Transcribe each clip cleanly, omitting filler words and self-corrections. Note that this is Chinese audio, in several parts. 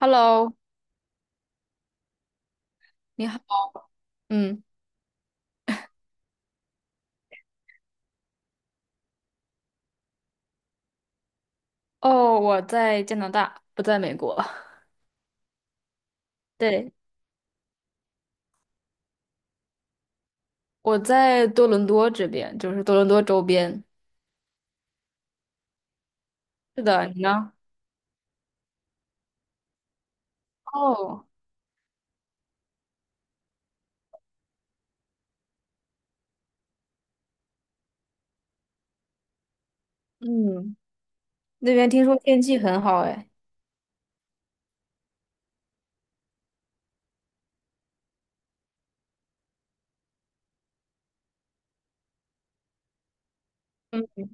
Hello，你好。嗯，哦，我在加拿大，不在美国。对，我在多伦多这边，就是多伦多周边。是的，你呢？哦，嗯，那边听说天气很好哎。嗯，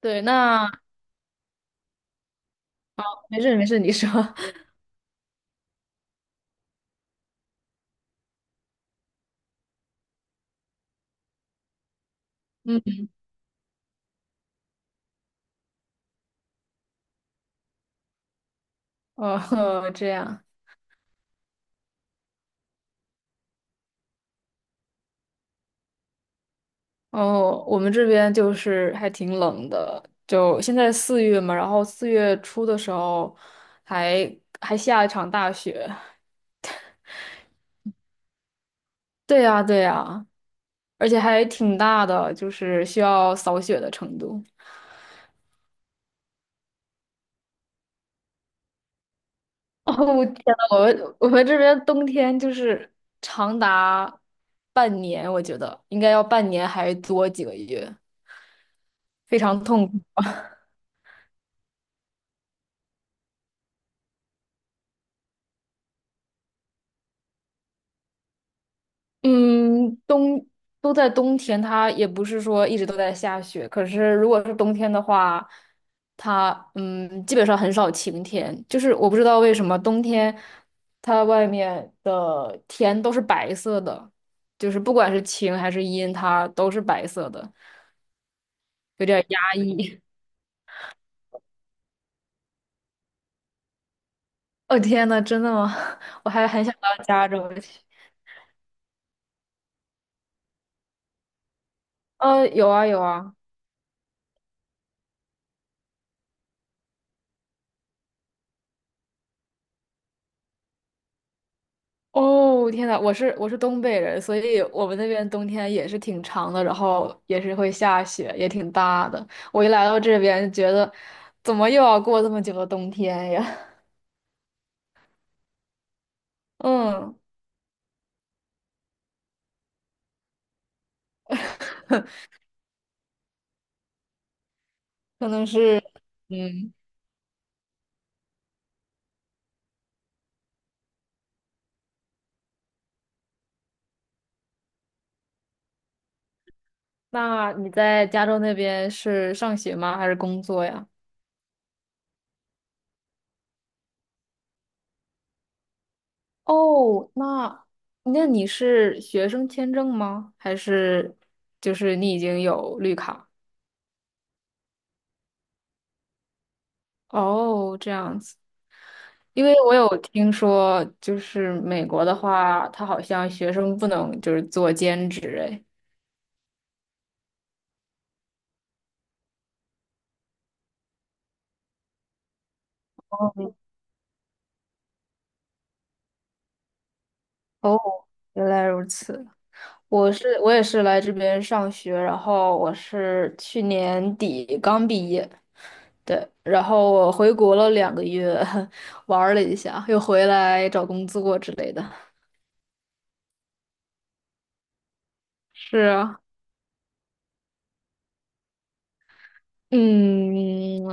对，那没事没事，你说。嗯，哦，这样。哦，我们这边就是还挺冷的，就现在四月嘛，然后四月初的时候还还下一场大雪。对呀,对呀,而且还挺大的，就是需要扫雪的程度。哦，我天呐，我们这边冬天就是长达半年，我觉得应该要半年还多几个月，非常痛苦。嗯，都在冬天，它也不是说一直都在下雪。可是如果是冬天的话，它基本上很少晴天。就是我不知道为什么冬天它外面的天都是白色的，就是不管是晴还是阴，它都是白色的，有点压抑。哦天呐，真的吗？我还很想到加州去。有啊有啊。哦，天呐，我是东北人，所以我们那边冬天也是挺长的，然后也是会下雪，也挺大的。我一来到这边，觉得怎么又要过这么久的冬天呀？嗯，可能是，嗯，那你在加州那边是上学吗？还是工作呀？哦，那你是学生签证吗？还是就是你已经有绿卡？哦，这样子。因为我有听说，就是美国的话，他好像学生不能就是做兼职哎。哦，原来如此。我也是来这边上学，然后我是去年底刚毕业，对，然后我回国了两个月，玩儿了一下，又回来找工作之类的。是啊，嗯，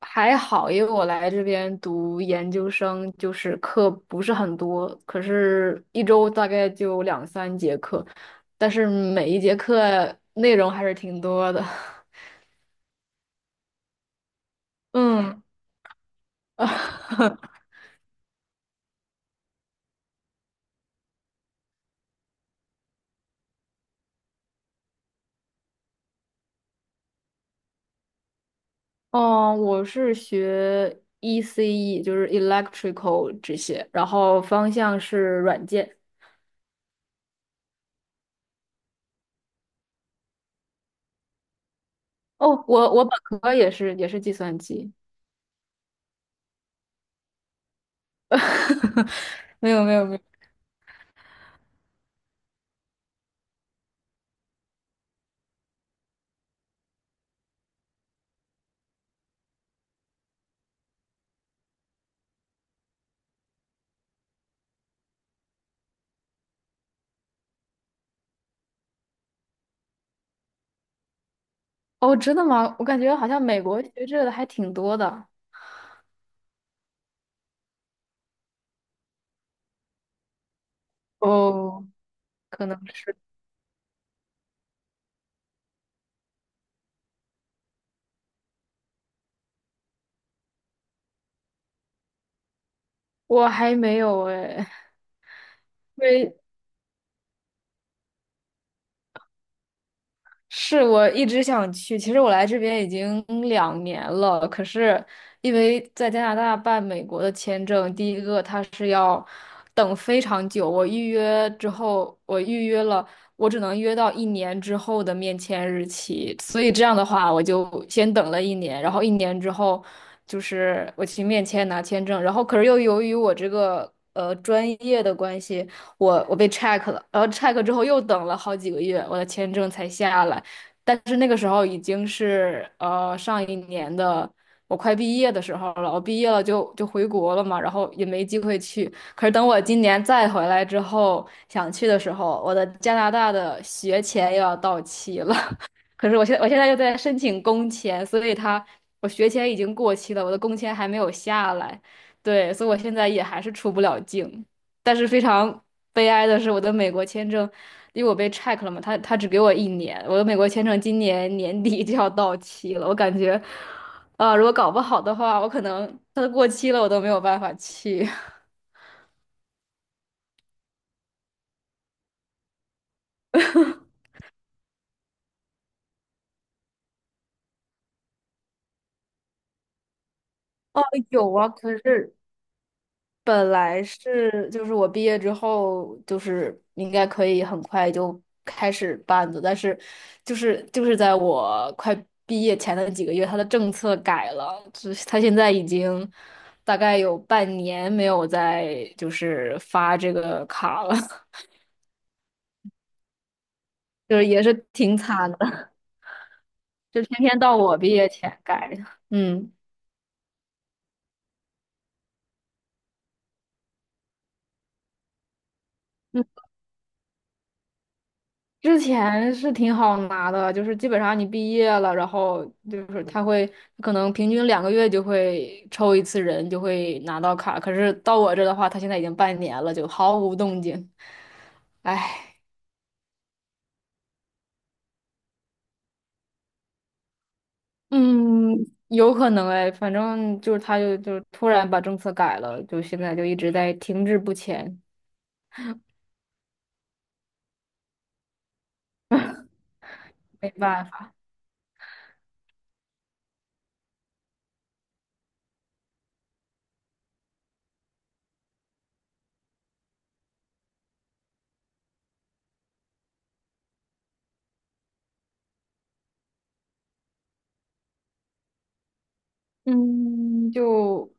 还好，因为我来这边读研究生，就是课不是很多，可是一周大概就两三节课，但是每一节课内容还是挺多的。嗯，哦，我是学 ECE,就是 electrical 这些，然后方向是软件。哦，我本科也是计算机。没有没有没有。哦，真的吗？我感觉好像美国学这个的还挺多的。哦，可能是，我还没有哎，因为是我一直想去。其实我来这边已经两年了，可是因为在加拿大办美国的签证，第一个它是要等非常久。我预约之后，我只能约到一年之后的面签日期，所以这样的话，我就先等了一年，然后一年之后。就是我去面签拿签证，然后可是又由于我这个专业的关系，我被 check 了，然后 check 之后又等了好几个月，我的签证才下来。但是那个时候已经是上一年的我快毕业的时候了，我毕业了就回国了嘛，然后也没机会去。可是等我今年再回来之后想去的时候，我的加拿大的学签又要到期了。可是我现在又在申请工签，所以我学签已经过期了，我的工签还没有下来，对，所以我现在也还是出不了境。但是非常悲哀的是，我的美国签证，因为我被 check 了嘛，他只给我一年，我的美国签证今年年底就要到期了，我感觉，啊、如果搞不好的话，我可能它都过期了，我都没有办法去。哦，有啊，可是本来是就是我毕业之后就是应该可以很快就开始办的，但是就是在我快毕业前的几个月，他的政策改了，就是他现在已经大概有半年没有再，就是发这个卡了，就是也是挺惨的，就偏偏到我毕业前改的，嗯。之前是挺好拿的，就是基本上你毕业了，然后就是他会可能平均两个月就会抽一次人，就会拿到卡。可是到我这的话，他现在已经半年了，就毫无动静。唉，嗯，有可能哎，反正就是就突然把政策改了，就现在就一直在停滞不前，没办法。嗯，就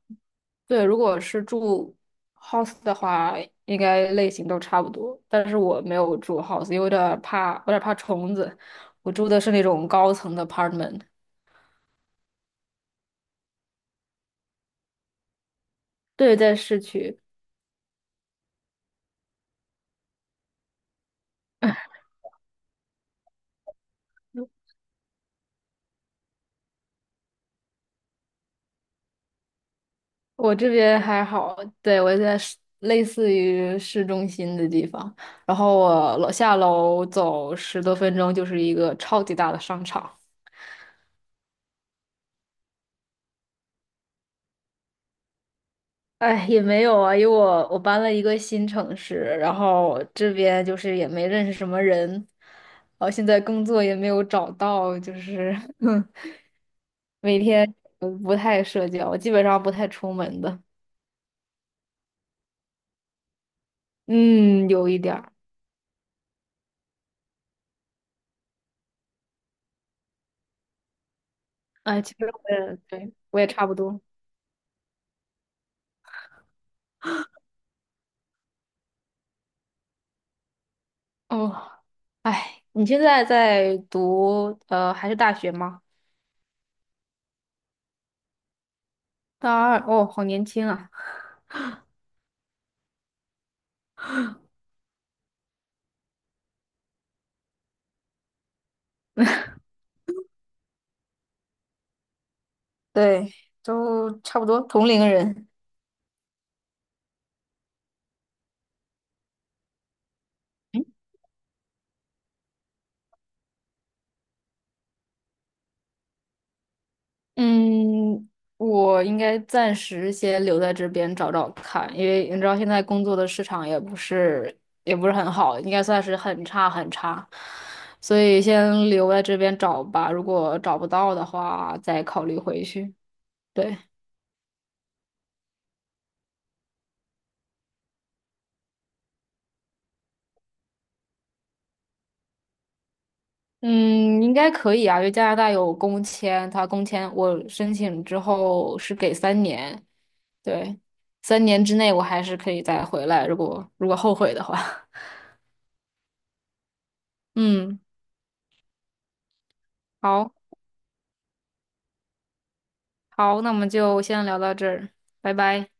对，如果是住 house 的话，应该类型都差不多。但是我没有住 house,因为有点儿怕虫子。我住的是那种高层的 apartment,对，在市区。我这边还好，对，我在类似于市中心的地方，然后我楼下楼走十多分钟就是一个超级大的商场。哎，也没有啊，因为我搬了一个新城市，然后这边就是也没认识什么人，然后现在工作也没有找到，就是 每天不太社交，基本上不太出门的。嗯，有一点儿。哎，其实我也对，我也差不多。哦，哎，你现在在读还是大学吗？大二，哦，好年轻啊。对，都差不多同龄人。嗯，我应该暂时先留在这边找找看，因为你知道现在工作的市场也不是很好，应该算是很差很差，所以先留在这边找吧。如果找不到的话，再考虑回去。对，嗯，应该可以啊，因为加拿大有工签，他工签我申请之后是给三年，对，三年之内我还是可以再回来，如果后悔的话，嗯，好。好，那我们就先聊到这儿，拜拜。